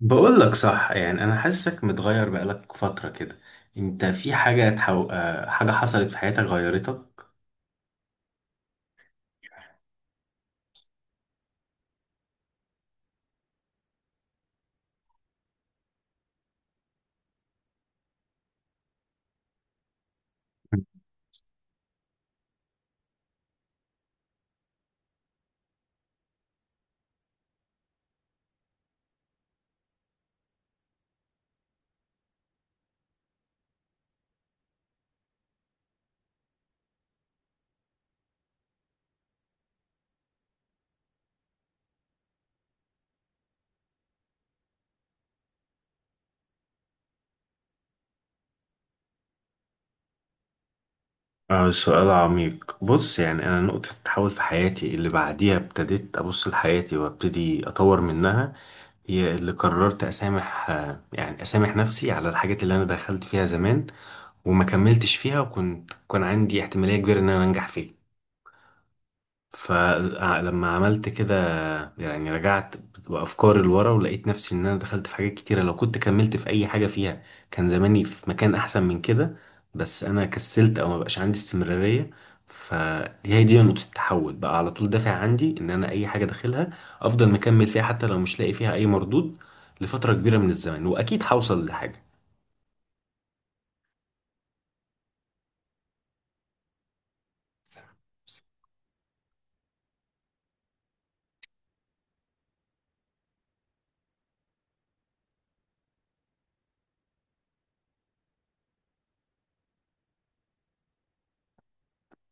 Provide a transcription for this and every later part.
بقول لك صح، يعني انا حاسسك متغير بقالك فترة كده. انت في حاجة تحو... آه، حاجة حصلت في حياتك غيرتك؟ سؤال عميق. بص، يعني انا نقطة تحول في حياتي اللي بعديها ابتديت ابص لحياتي وابتدي اطور منها هي اللي قررت اسامح، يعني اسامح نفسي على الحاجات اللي انا دخلت فيها زمان وما كملتش فيها، وكنت كان عندي احتمالية كبيرة ان انا انجح فيها. فلما عملت كده، يعني رجعت بأفكاري لورا ولقيت نفسي إن أنا دخلت في حاجات كتيرة لو كنت كملت في أي حاجة فيها كان زماني في مكان أحسن من كده، بس أنا كسلت أو مبقاش عندي استمرارية. فدي هي دي نقطة التحول، بقى على طول دافع عندي إن أنا أي حاجة داخلها أفضل مكمل فيها حتى لو مش لاقي فيها أي مردود لفترة كبيرة من الزمن، وأكيد هوصل لحاجة.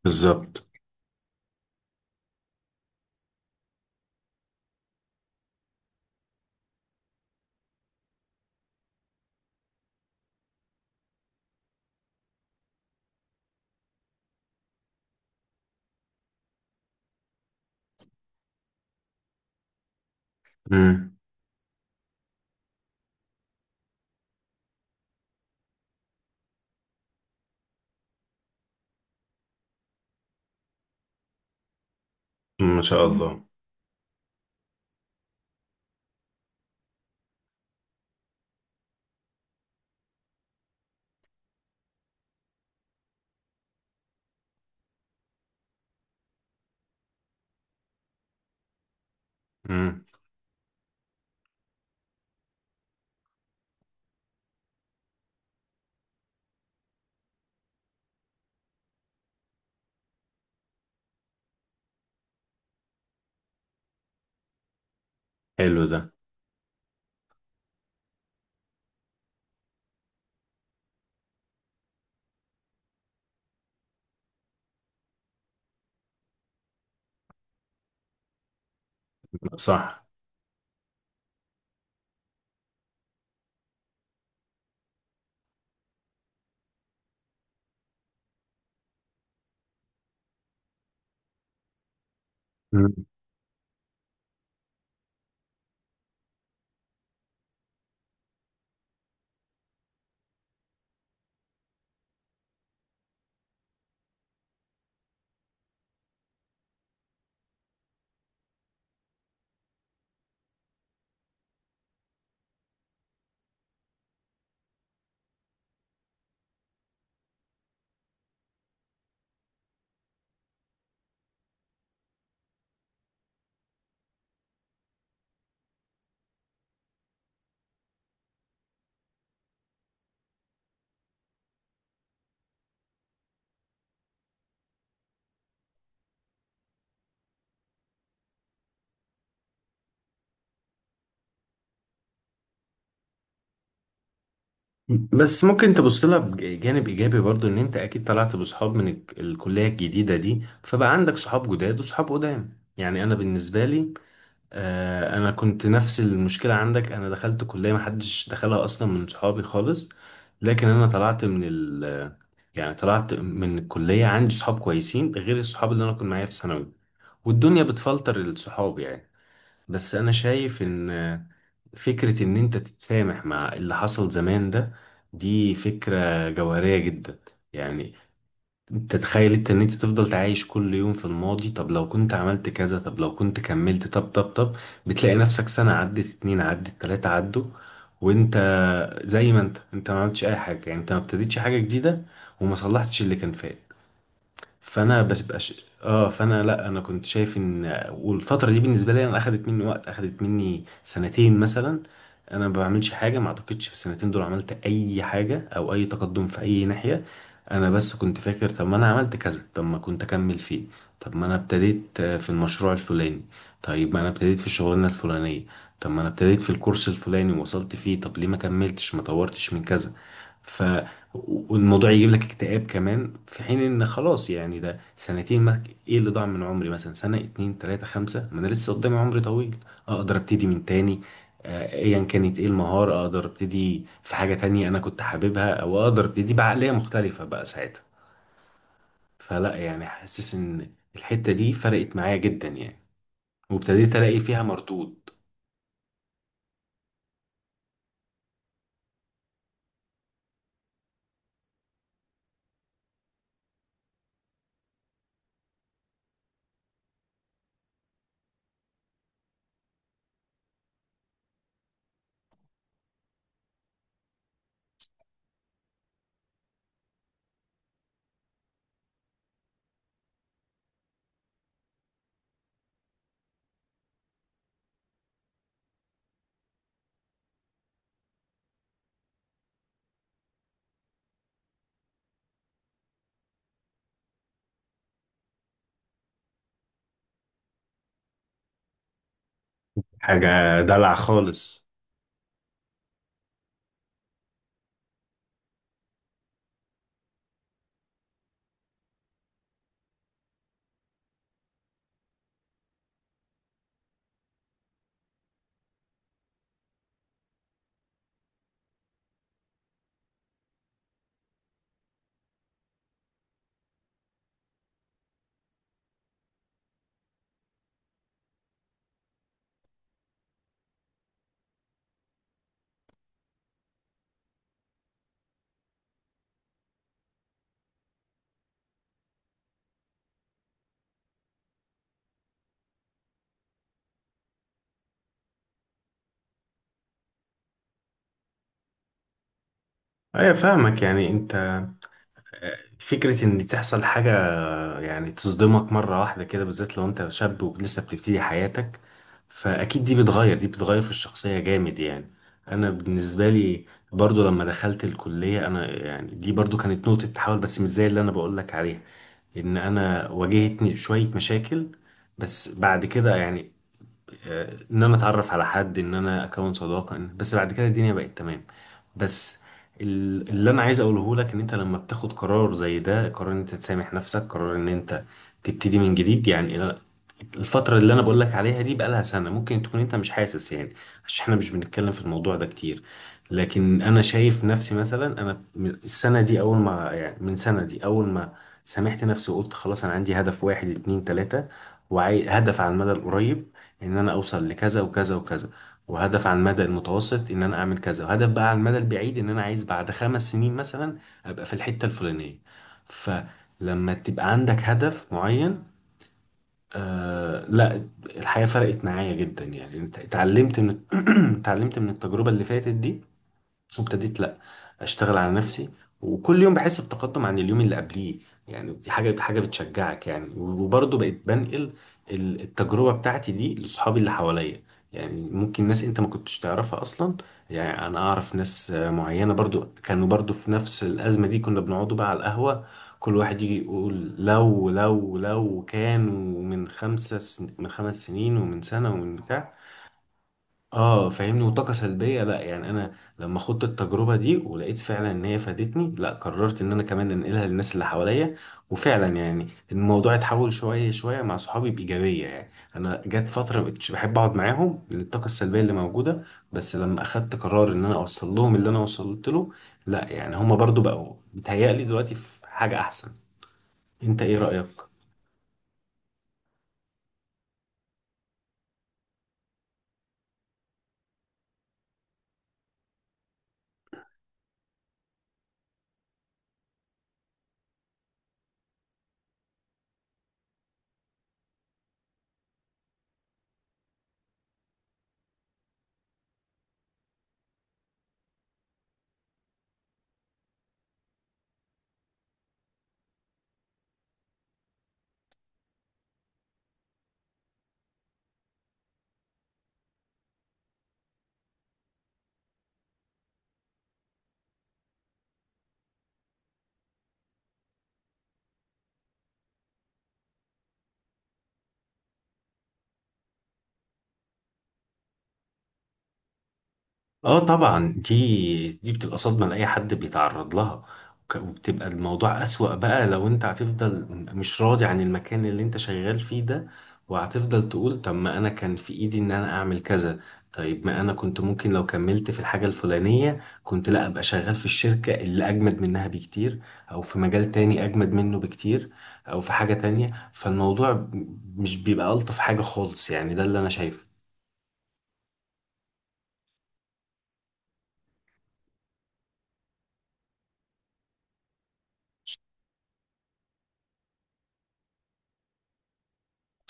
بالظبط. امم. ما شاء الله. امم. حلو ده. صح. بس ممكن تبص لها بجانب ايجابي برضو، ان انت اكيد طلعت بصحاب من الكليه الجديده دي، فبقى عندك صحاب جداد وصحاب قدام. يعني انا بالنسبه لي، انا كنت نفس المشكله عندك، انا دخلت كليه ما حدش دخلها اصلا من صحابي خالص، لكن انا طلعت من الكليه عندي صحاب كويسين غير الصحاب اللي انا كنت معايا في ثانوي. والدنيا بتفلتر الصحاب يعني. بس انا شايف ان فكرة إن أنت تتسامح مع اللي حصل زمان ده، دي فكرة جوهرية جدا. يعني أنت تخيل أنت إن أنت تفضل تعايش كل يوم في الماضي؟ طب لو كنت عملت كذا، طب لو كنت كملت، طب طب طب بتلاقي نفسك سنة عدت، اتنين عدت، تلاتة عدوا، وأنت زي ما أنت ما عملتش أي حاجة، يعني أنت ما ابتديتش حاجة جديدة وما صلحتش اللي كان فات. فانا بتبقاش اه فانا لا، انا كنت شايف ان، والفتره دي بالنسبه لي انا اخدت مني وقت، اخدت مني سنتين مثلا انا ما بعملش حاجه، ما اعتقدش في السنتين دول عملت اي حاجه او اي تقدم في اي ناحيه. انا بس كنت فاكر طب ما انا عملت كذا، طب ما كنت اكمل فيه، طب ما انا ابتديت في المشروع الفلاني، طيب ما انا ابتديت في الشغلانه الفلانيه، طب ما انا ابتديت في الكورس الفلاني ووصلت فيه، طب ليه ما كملتش، ما طورتش من كذا؟ ف والموضوع يجيب لك اكتئاب كمان، في حين ان خلاص يعني ده سنتين، ما، ايه اللي ضاع من عمري؟ مثلا سنة، اتنين، تلاتة، خمسة، ما انا لسه قدامي عمري طويل اقدر ابتدي من تاني. ايا كانت ايه المهارة اقدر ابتدي في حاجة تانية انا كنت حاببها، او اقدر ابتدي بعقلية مختلفة بقى ساعتها. فلا، يعني حاسس ان الحتة دي فرقت معايا جدا يعني، وابتديت الاقي فيها مردود. حاجة دلع خالص. ايوه فاهمك. يعني انت، فكرة إن تحصل حاجة يعني تصدمك مرة واحدة كده، بالذات لو أنت شاب ولسه بتبتدي حياتك، فأكيد دي بتغير، دي بتغير في الشخصية جامد يعني. أنا بالنسبة لي برضو لما دخلت الكلية أنا، يعني دي برضو كانت نقطة تحول، بس مش زي اللي أنا بقولك عليها. إن أنا واجهتني شوية مشاكل، بس بعد كده يعني، ان انا اتعرف على حد، ان انا اكون صداقه. بس بعد كده الدنيا بقت تمام. بس اللي انا عايز اقوله لك ان انت لما بتاخد قرار زي ده، قرار ان انت تسامح نفسك، قرار ان انت تبتدي من جديد، يعني الفتره اللي انا بقول لك عليها دي بقالها سنه، ممكن تكون انت مش حاسس يعني، عشان احنا مش بنتكلم في الموضوع ده كتير، لكن انا شايف نفسي مثلا انا من السنه دي اول ما، يعني من سنه دي اول ما سامحت نفسي وقلت خلاص انا عندي هدف واحد اتنين تلاته، وهدف على المدى القريب ان انا اوصل لكذا وكذا وكذا، وهدف على المدى المتوسط ان انا اعمل كذا، وهدف بقى على المدى البعيد ان انا عايز بعد 5 سنين مثلا ابقى في الحتة الفلانية. فلما تبقى عندك هدف معين، آه لا الحياة فرقت معايا جدا يعني، اتعلمت من اتعلمت من التجربة اللي فاتت دي، وابتديت لا اشتغل على نفسي، وكل يوم بحس بتقدم عن اليوم اللي قبليه. يعني دي حاجه بتشجعك يعني. وبرضه بقيت بنقل التجربه بتاعتي دي لاصحابي اللي حواليا. يعني ممكن ناس انت ما كنتش تعرفها اصلا، يعني انا اعرف ناس معينه برضو كانوا برضو في نفس الازمه دي، كنا بنقعدوا بقى على القهوه، كل واحد يجي يقول لو لو لو كانوا من خمس سنين ومن سنة ومن بتاع. اه فاهمني. وطاقة سلبية. لا يعني انا لما خدت التجربة دي ولقيت فعلا ان هي فادتني، لا قررت ان انا كمان انقلها للناس اللي حواليا. وفعلا يعني الموضوع اتحول شوية شوية مع صحابي بإيجابية يعني. انا جت فترة مبقتش بحب اقعد معاهم للطاقة السلبية اللي موجودة، بس لما اخدت قرار ان انا اوصل لهم اللي انا وصلت له، لا يعني هما برضو بقوا بيتهيألي دلوقتي في حاجة احسن. انت ايه رأيك؟ اه طبعا، دي بتبقى صدمة لأي حد بيتعرض لها. وبتبقى الموضوع أسوأ بقى لو انت هتفضل مش راضي عن المكان اللي انت شغال فيه ده، وهتفضل تقول طب ما انا كان في ايدي ان انا اعمل كذا، طيب ما انا كنت ممكن لو كملت في الحاجة الفلانية كنت لا ابقى شغال في الشركة اللي اجمد منها بكتير، او في مجال تاني اجمد منه بكتير، او في حاجة تانية. فالموضوع مش بيبقى ألطف حاجة خالص يعني، ده اللي انا شايفه.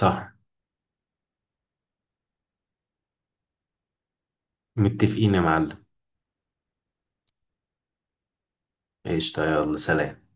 صح. متفقين يا معلم. قشطة، يلا سلام.